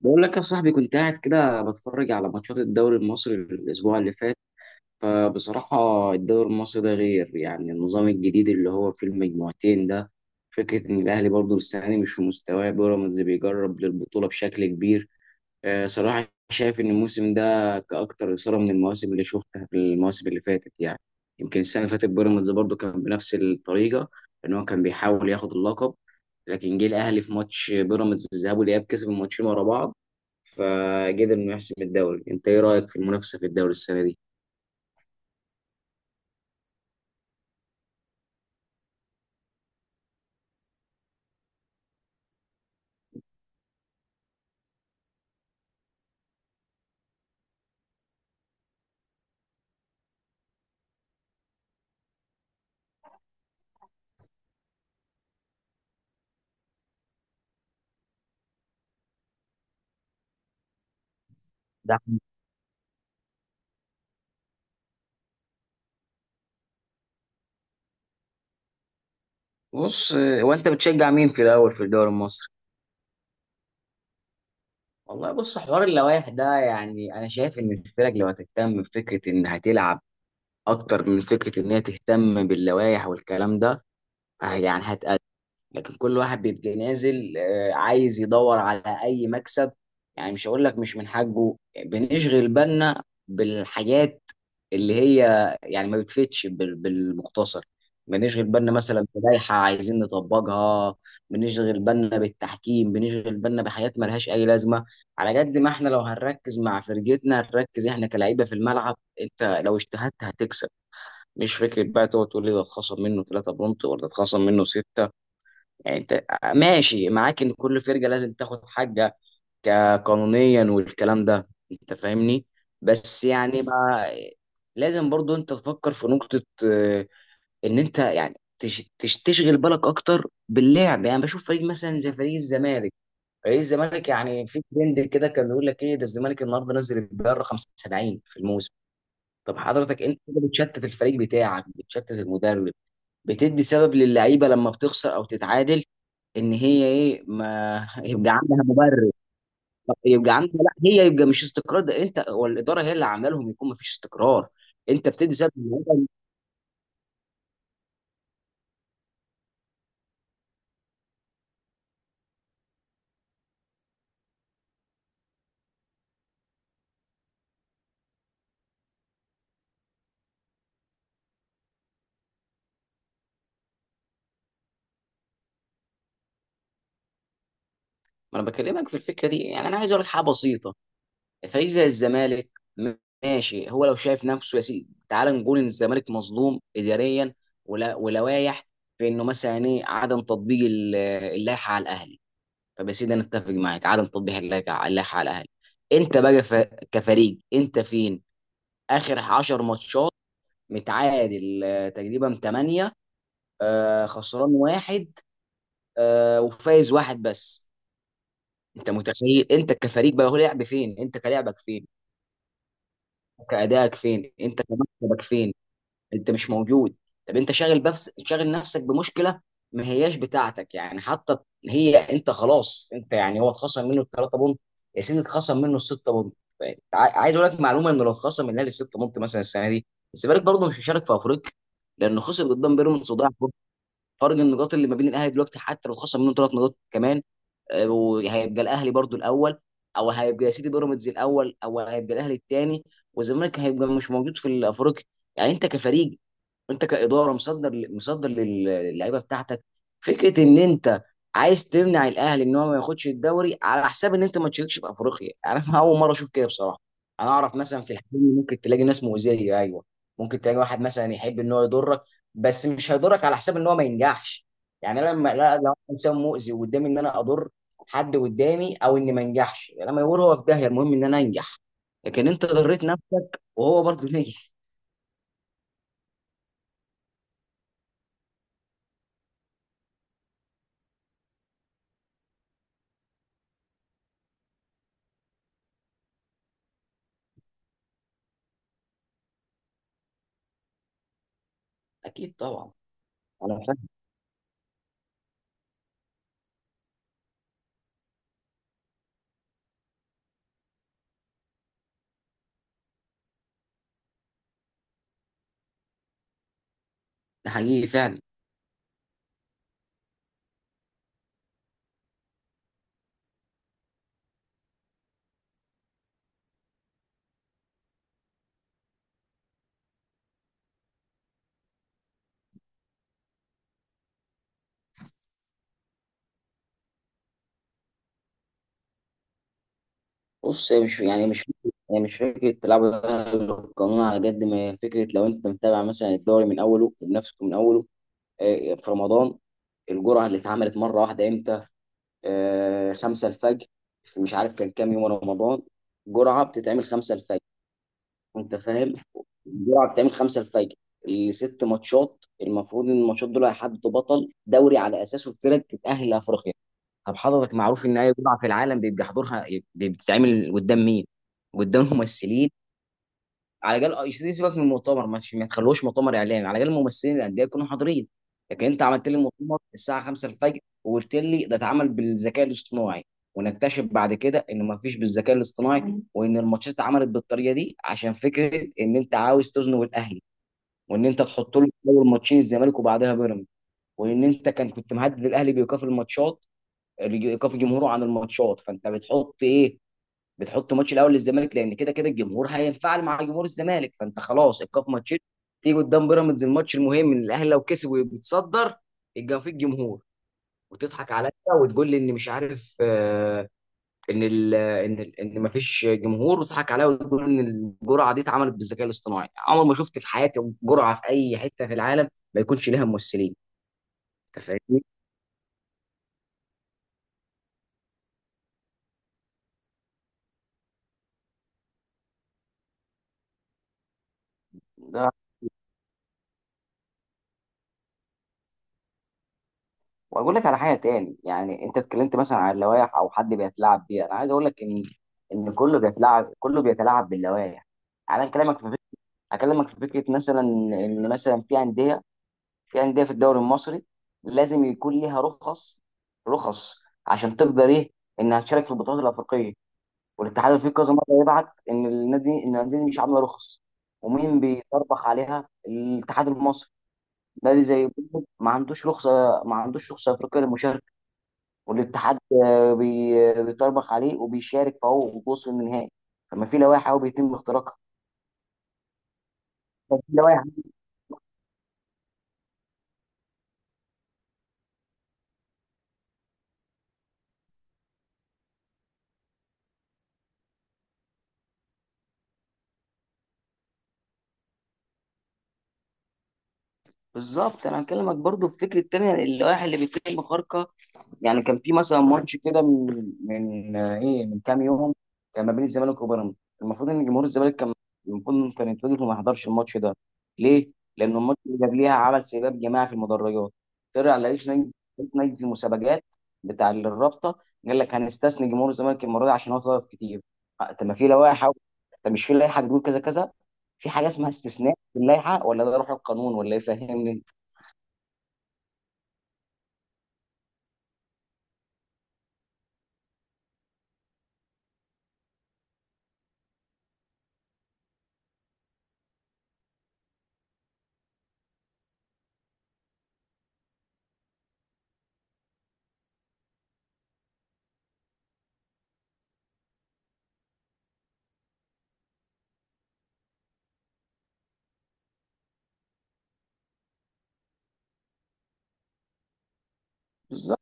بقول لك يا صاحبي كنت قاعد كده بتفرج على ماتشات الدوري المصري الأسبوع اللي فات. فبصراحة الدوري المصري ده غير، يعني النظام الجديد اللي هو في المجموعتين ده، فكرة إن الأهلي برضه السنة دي مش في مستواه، بيراميدز بيجرب للبطولة بشكل كبير. صراحة شايف إن الموسم ده كأكتر إثارة من المواسم اللي شفتها، في المواسم اللي فاتت يعني. يمكن السنة اللي فاتت بيراميدز برضه كان بنفس الطريقة، إن هو كان بيحاول ياخد اللقب، لكن جه الأهلي في ماتش بيراميدز الذهاب والإياب، كسب الماتشين ورا بعض فقدر إنه يحسم الدوري. أنت إيه رأيك في المنافسة في الدوري السنة دي؟ ده بص، وأنت بتشجع مين في الأول في الدوري المصري؟ والله بص، حوار اللوائح ده يعني أنا شايف إن الفرق لو هتهتم بفكرة إن هتلعب اكتر من فكره ان هي تهتم باللوائح والكلام ده، يعني هتقدم. لكن كل واحد بيبقى نازل عايز يدور على اي مكسب، يعني مش هقول لك مش من حقه. بنشغل بالنا بالحاجات اللي هي يعني ما بتفيدش بالمختصر. بنشغل بالنا مثلا بلائحه عايزين نطبقها، بنشغل بالنا بالتحكيم، بنشغل بالنا بحاجات ملهاش اي لازمه. على قد ما احنا لو هنركز مع فرقتنا، هنركز احنا كلاعيبه في الملعب. انت لو اجتهدت هتكسب، مش فكرة بقى تقعد تقول لي ده اتخصم منه ثلاثة بونت ولا اتخصم منه ستة. يعني انت ماشي معاك ان كل فرقة لازم تاخد حاجة قانونيا والكلام ده، انت فاهمني؟ بس يعني ما لازم برضو انت تفكر في نقطة ان انت يعني تشغل بالك اكتر باللعب. يعني بشوف فريق مثلا زي فريق الزمالك. فريق الزمالك يعني في ترند كده كان بيقول لك، ايه ده الزمالك النهارده نزل البيار رقم 75 في الموسم. طب حضرتك انت كده بتشتت الفريق بتاعك، بتشتت المدرب، بتدي سبب للعيبه لما بتخسر او تتعادل ان هي ايه ما يبقى عندها مبرر. طب يبقى عندها، لا، هي يبقى مش استقرار، ده انت والاداره هي اللي عامله لهم يكون ما فيش استقرار. انت بتدي سبب للعيبة. ما انا بكلمك في الفكره دي، يعني انا عايز اقول لك حاجه بسيطه. فريق زي الزمالك ماشي، هو لو شايف نفسه يا سيدي، تعال نقول ان الزمالك مظلوم اداريا ولا ولوايح في انه مثلا ايه، عدم تطبيق اللائحه على الاهلي. طب يا سيدي انا اتفق معاك عدم تطبيق اللائحه على الاهلي. انت بقى ف... كفريق انت فين؟ اخر 10 ماتشات متعادل تقريبا 8، خسران واحد، وفايز واحد بس. انت متخيل انت كفريق بقى هو لعب فين، انت كلاعبك فين، كادائك فين، انت كمكسبك فين؟ انت مش موجود. طب انت شاغل، بس شاغل نفسك بمشكله ما هياش بتاعتك يعني. حتى هي انت خلاص، انت يعني هو اتخصم منه الثلاثه بونت، يا سيدي اتخصم منه السته بونت. ف- عايز اقول لك معلومه، انه لو اتخصم من الاهلي السته بونت مثلا السنه دي، الزمالك برضه مش هيشارك في افريقيا لانه خسر قدام بيراميدز وضيع فرصة. فرق النقاط اللي ما بين الاهلي دلوقتي، حتى لو خسر منه ثلاث نقاط كمان، وهيبقى الاهلي برضه الاول، او هيبقى يا سيدي بيراميدز الاول، او هيبقى الاهلي الثاني، والزمالك هيبقى مش موجود في الافريقيا. يعني انت كفريق، انت كاداره مصدر للعيبه بتاعتك. فكره ان انت عايز تمنع الاهلي ان هو ما ياخدش الدوري على حساب ان انت ما تشاركش في افريقيا انا يعني اول مره اشوف كده بصراحه. انا اعرف مثلا في الحلم ممكن تلاقي ناس مؤذيه، ايوه، ممكن تلاقي واحد مثلا يحب ان هو يضرك، بس مش هيضرك على حساب ان هو ما ينجحش. يعني انا لما لا لو أنا انسان مؤذي وقدامي ان انا اضر حد قدامي او اني ما انجحش، لما يقول هو في داهيه المهم ان انا انجح، لكن انت ضريت نفسك وهو برضه نجح. اكيد طبعا انا ده حقيقي فعلا. بص هي مش فكره تلعبوا القانون. على قد ما هي فكره، لو انت متابع مثلا الدوري من اوله وبنفسك من اوله، في رمضان، الجرعه اللي اتعملت مره واحده امتى؟ آه، خمسة الفجر. في مش عارف كان كام يوم رمضان. جرعه بتتعمل خمسة الفجر. انت فاهم؟ الجرعه بتتعمل خمسة الفجر. الست ماتشات المفروض ان الماتشات دول هيحددوا بطل دوري على اساسه الفرق تتاهل لافريقيا. طب حضرتك، معروف ان اي بضعه في العالم بيبقى حضورها بتتعمل قدام مين؟ قدام الممثلين، على الاقل. سيبك من المؤتمر، مش ما تخلوهوش مؤتمر اعلامي، على الاقل الممثلين الانديه يكونوا حاضرين. لكن انت عملت لي المؤتمر الساعه 5:00 الفجر، وقلت لي ده اتعمل بالذكاء الاصطناعي. ونكتشف بعد كده ان ما فيش بالذكاء الاصطناعي، وان الماتشات اتعملت بالطريقه دي عشان فكره ان انت عاوز تزنق الاهلي، وان انت تحط له اول ماتشين الزمالك وبعدها بيراميدز، وان انت كنت مهدد الاهلي بايقاف الماتشات، ايقاف الجمهور عن الماتشات. فانت بتحط ايه؟ بتحط ماتش الاول للزمالك، لان كده كده الجمهور هينفعل مع جمهور الزمالك، فانت خلاص ايقاف ماتشين. تيجي قدام بيراميدز الماتش المهم ان الاهلي لو كسب وبيتصدر يبقى في الجمهور، وتضحك عليا وتقول لي ان مش عارف، ان ال ان ال ان مفيش جمهور، وتضحك عليا وتقول ان الجرعه دي اتعملت بالذكاء الاصطناعي. عمر ما شفت في حياتي جرعه في اي حته في العالم ما يكونش ليها ممثلين. انت فاهمني؟ واقول لك على حاجه تاني، يعني انت اتكلمت مثلا عن اللوائح او حد بيتلاعب بيها، انا عايز اقول لك ان كله بيتلاعب، كله بيتلاعب باللوائح. انا اكلمك في فكره، اكلمك في فكره مثلا ان مثلا في انديه في الدوري المصري لازم يكون ليها رخص، رخص عشان تقدر ايه انها تشارك في البطولات الافريقيه. والاتحاد الافريقي كذا مره يبعت ان النادي ان الانديه دي مش عامله رخص. ومين بيطربخ عليها؟ الاتحاد المصري. نادي زي بيراميدز ما عندوش رخصه، ما عندوش رخصه افريقيه للمشاركه. والاتحاد بيطربخ عليه وبيشارك، فهو بوصل النهائي. فما في لوائح أهو بيتم اختراقها. طب في لوائح. بالظبط. انا هكلمك برضو في فكره تانية، اللوائح اللي بيتم خرقها. يعني كان في مثلا ماتش كده من من آه، ايه من كام يوم، كان ما بين الزمالك وبيراميدز. المفروض ان جمهور الزمالك كان، المفروض انه كان يتوجه وما يحضرش الماتش ده. ليه؟ لان الماتش اللي قبليها عمل سباب جماعي في المدرجات. طلع رئيس لجنه المسابقات بتاع الرابطه، قال لك هنستثني جمهور الزمالك المره دي عشان هو طلب كتير. طب ما في لوائح أهو. طب مش في لائحه بتقول كذا كذا. في حاجه اسمها استثناء في اللائحه، ولا ده روح القانون، ولا ايه؟ فاهمني؟ بالظبط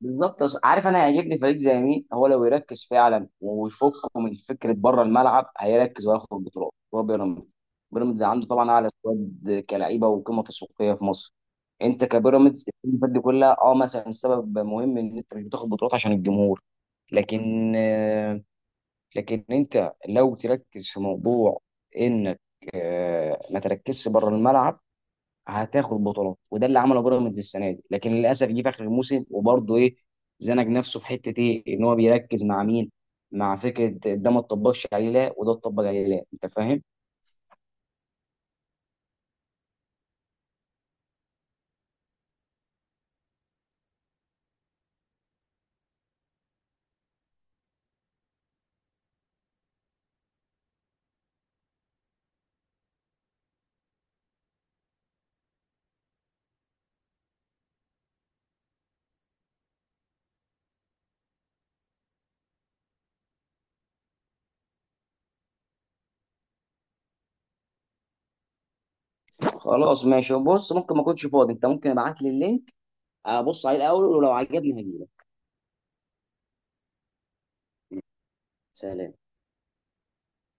بالظبط. عارف انا هيعجبني فريق زي مين هو لو يركز فعلا ويفكه من فكره بره الملعب، هيركز وهياخد بطولات؟ هو بيراميدز. بيراميدز عنده طبعا اعلى سكواد كلعيبه وقيمه تسويقيه في مصر. انت كبيراميدز السنين دي كلها اه، مثلا سبب مهم ان انت مش بتاخد بطولات عشان الجمهور. لكن لكن انت لو تركز في موضوع انك ما تركزش بره الملعب، هتاخد بطولات. وده اللي عمله بيراميدز السنه دي، لكن للاسف جه في اخر الموسم وبرضه ايه، زنق نفسه في حته ايه، ان هو بيركز مع مين، مع فكره ده ما اتطبقش عليه، لا وده اتطبق عليه، لا. انت فاهم؟ خلاص ماشي. بص ممكن ما اكونش فاضي، انت ممكن ابعت لي اللينك ابص عليه الاول، ولو عجبني هجيلك. سلام.